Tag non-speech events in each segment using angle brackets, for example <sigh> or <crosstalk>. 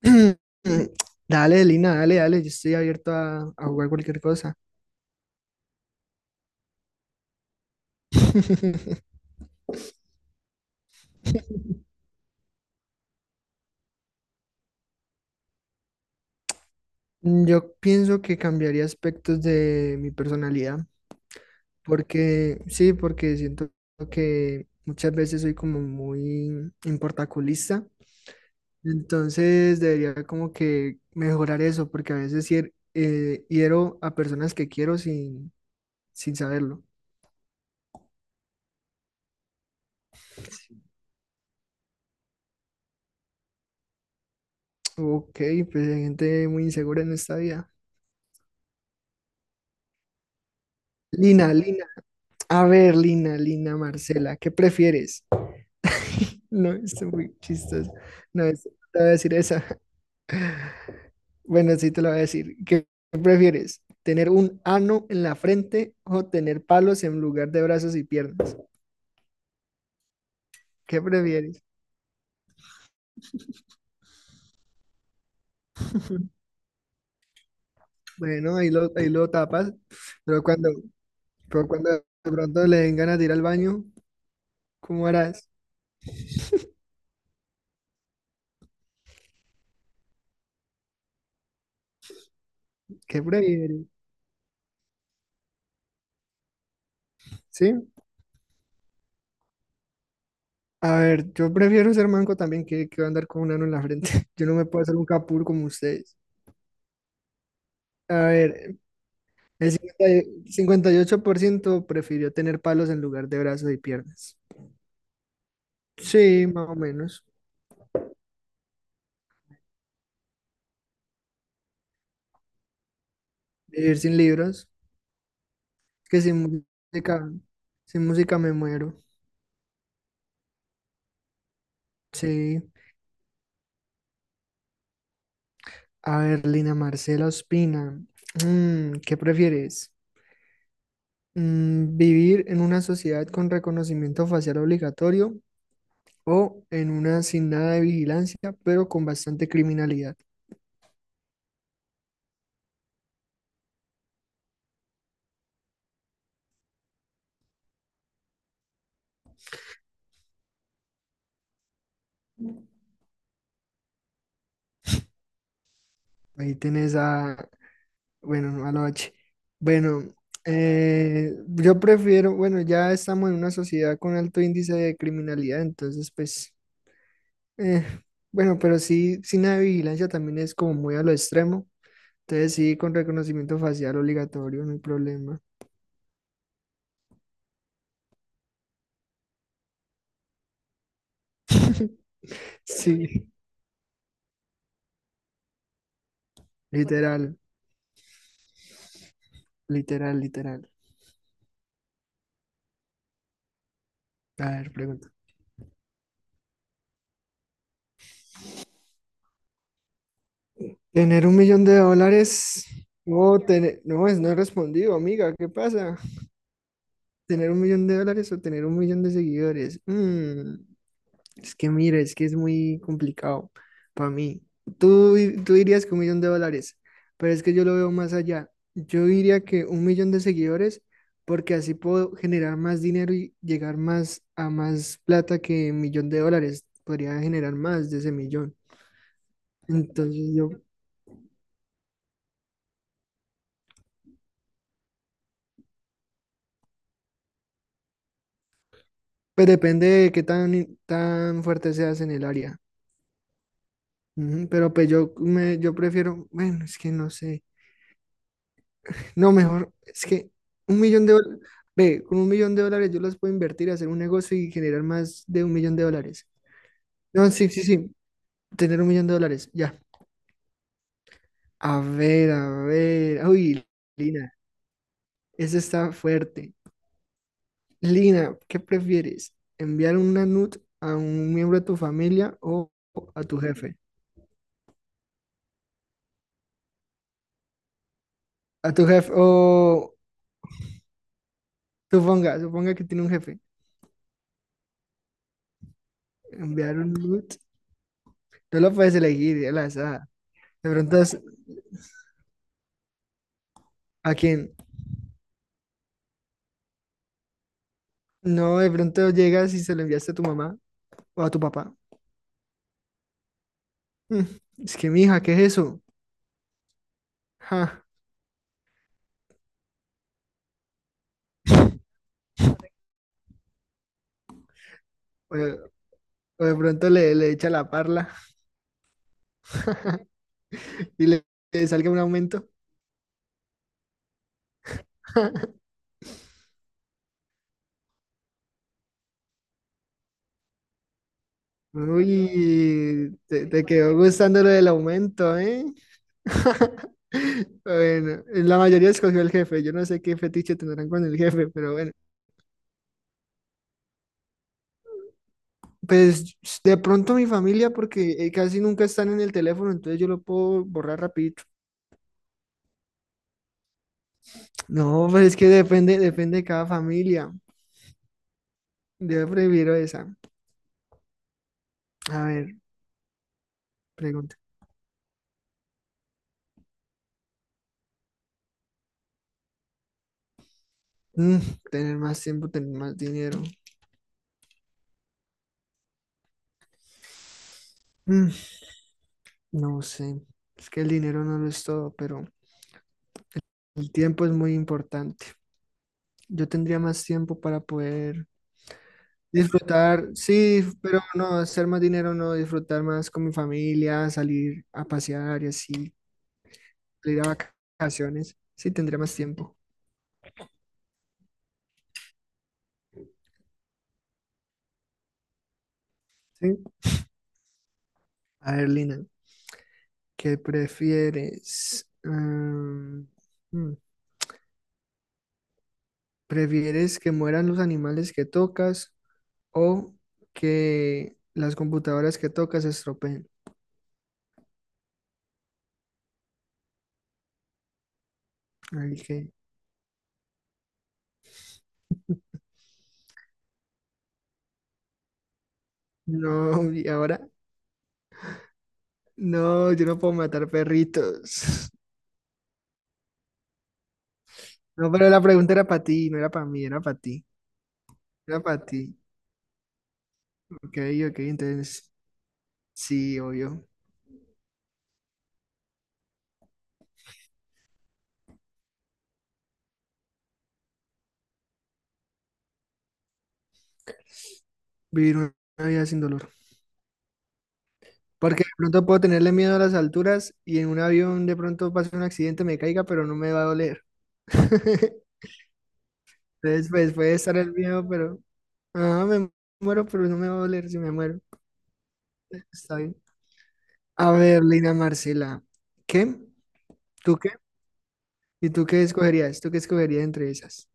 <clears throat> Dale, Lina, dale, dale, yo estoy abierto a jugar cualquier cosa. Mm, yo pienso que cambiaría aspectos de mi personalidad, porque sí, porque siento que muchas veces soy como muy importaculista, entonces debería como que mejorar eso, porque a veces hiero a personas que quiero sin saberlo. Ok, pues hay gente muy insegura en esta vida. Lina, Lina, a ver, Marcela, ¿qué prefieres? <laughs> No, está muy chistoso. No, es- Te voy a decir esa. <laughs> Bueno, sí te lo voy a decir. ¿Qué prefieres? ¿Tener un ano en la frente o tener palos en lugar de brazos y piernas? ¿Qué prefieres? Bueno, ahí lo tapas, pero cuando, pero cuando de pronto le den ganas de ir al baño, ¿cómo harás? ¿Qué prefieres? ¿Sí? A ver, yo prefiero ser manco también que andar con un ano en la frente. <laughs> Yo no me puedo hacer un capul como ustedes. A ver, el 58% prefirió tener palos en lugar de brazos y piernas. Sí, más o menos. Vivir sin libros, que sin música, sin música me muero. Sí. A ver, Lina Marcela Ospina, ¿qué prefieres? ¿Vivir en una sociedad con reconocimiento facial obligatorio o en una sin nada de vigilancia, pero con bastante criminalidad? Ahí tenés a, bueno, noche. Bueno, yo prefiero, bueno, ya estamos en una sociedad con alto índice de criminalidad, entonces pues, eh, bueno, pero sí, sin la vigilancia también es como muy a lo extremo. Entonces sí, con reconocimiento facial obligatorio, no hay problema. Sí, literal, literal. A ver, pregunta. ¿Tener 1 millón de dólares o tener, no, es, no he respondido, amiga? ¿Qué pasa? ¿Tener 1 millón de dólares o tener 1 millón de seguidores? Mm. Es que mira, es que es muy complicado para mí. Tú dirías que 1 millón de dólares, pero es que yo lo veo más allá. Yo diría que 1 millón de seguidores, porque así puedo generar más dinero y llegar más a más plata que 1 millón de dólares. Podría generar más de ese millón. Entonces yo, pues depende de qué tan fuerte seas en el área. Ujú. Pero pues yo prefiero, bueno, es que no sé. No, mejor, es que 1 millón de dólares, ve, con 1 millón de dólares yo los puedo invertir, hacer un negocio y generar más de 1 millón de dólares. No, sí, sí, sí, tener 1 millón de dólares, ya. A ver, uy, Lina, eso está fuerte. Lina, ¿qué prefieres? ¿Enviar una NUT a un miembro de tu familia o a tu jefe? A tu jefe, o suponga, suponga que tiene un jefe. Enviar un NUT, no lo puedes elegir al azar. De pronto, es- ¿A quién? No, de pronto llegas y se lo enviaste a tu mamá o a tu papá. Mm, es que, mija, ¿qué es eso? Ja. O, de o de pronto le echa la parla <laughs> y le salga un aumento. Uy, te quedó gustando lo del aumento, ¿eh? <laughs> Bueno, la mayoría escogió el jefe. Yo no sé qué fetiche tendrán con el jefe, pero bueno. Pues de pronto mi familia, porque casi nunca están en el teléfono, entonces yo lo puedo borrar rapidito. No, pues es que depende, depende de cada familia. Yo prefiero esa. A ver, pregunta. Mm, tener más tiempo, tener más dinero. Mm, no sé. Es que el dinero no lo es todo, pero el tiempo es muy importante. Yo tendría más tiempo para poder disfrutar, sí, pero no, hacer más dinero, no, disfrutar más con mi familia, salir a pasear y así, ir a vacaciones. Sí, tendría más tiempo. Sí. A ver, Lina, ¿qué prefieres? Ah, mm, ¿prefieres que mueran los animales que tocas o que las computadoras que tocas se estropeen? Ay, que no, <laughs> y ahora no, yo no puedo matar perritos. <laughs> No, pero la pregunta era para ti, no era para mí, era para ti. Era para ti. Ok, ok, entonces sí, obvio. Vivir una vida sin dolor. Porque de pronto puedo tenerle miedo a las alturas y en un avión de pronto pase un accidente, me caiga, pero no me va a doler. <laughs> Entonces, pues puede estar el miedo, pero ah, me muero, pero no me va a doler si me muero. Está bien. A ver, Lina Marcela, ¿qué? ¿Tú qué? ¿Y tú qué escogerías? ¿Tú qué escogerías entre esas?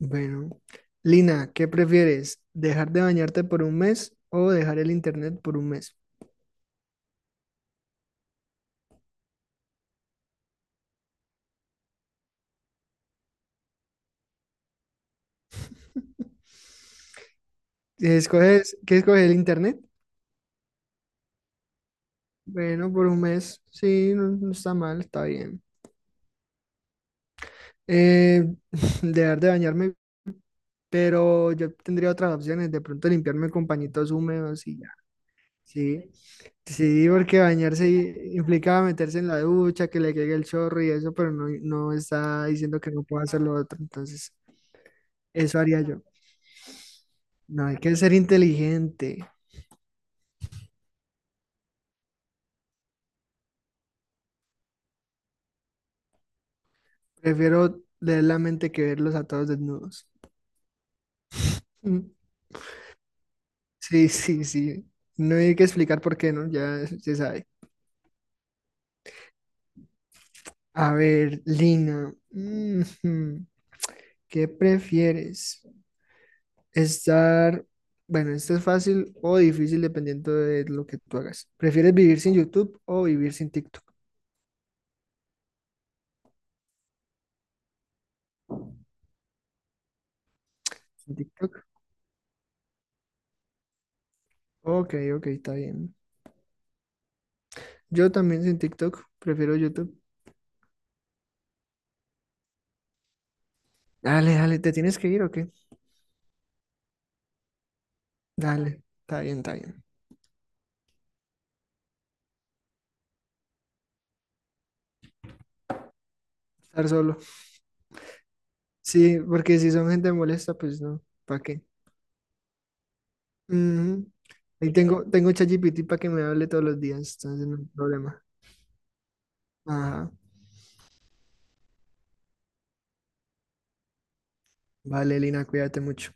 Bueno, Lina, ¿qué prefieres? ¿Dejar de bañarte por 1 mes o dejar el internet por 1 mes? ¿Escoges, qué escoges el internet? Bueno, por 1 mes, sí, no, no está mal, está bien. Eh, <laughs> dejar de bañarme, pero yo tendría otras opciones, de pronto limpiarme con pañitos húmedos y ya. Sí, sí, porque implicaba meterse en la ducha, que le caiga el chorro y eso, pero no, no está diciendo que no pueda hacer lo otro. Entonces, eso haría yo. No, hay que ser inteligente. Prefiero leer la mente que verlos a todos desnudos. Mm. Sí, sí, sí. No hay que explicar por qué, ¿no? Ya se sabe. A ver, Lina, ujú, ¿qué prefieres? Estar, bueno, esto es fácil o difícil dependiendo de lo que tú hagas. ¿Prefieres vivir sin YouTube o vivir sin TikTok? ¿Sin TikTok? Ok, ok, está bien. Yo también sin TikTok, prefiero YouTube. Dale, dale, ¿te tienes que ir o qué? Dale, está bien, está bien. Estar solo. Sí, porque si son gente molesta, pues no, ¿para qué? Ujú. Ahí tengo, tengo ChatGPT para que me hable todos los días, entonces no hay problema. Ajá. Vale, Lina, cuídate mucho.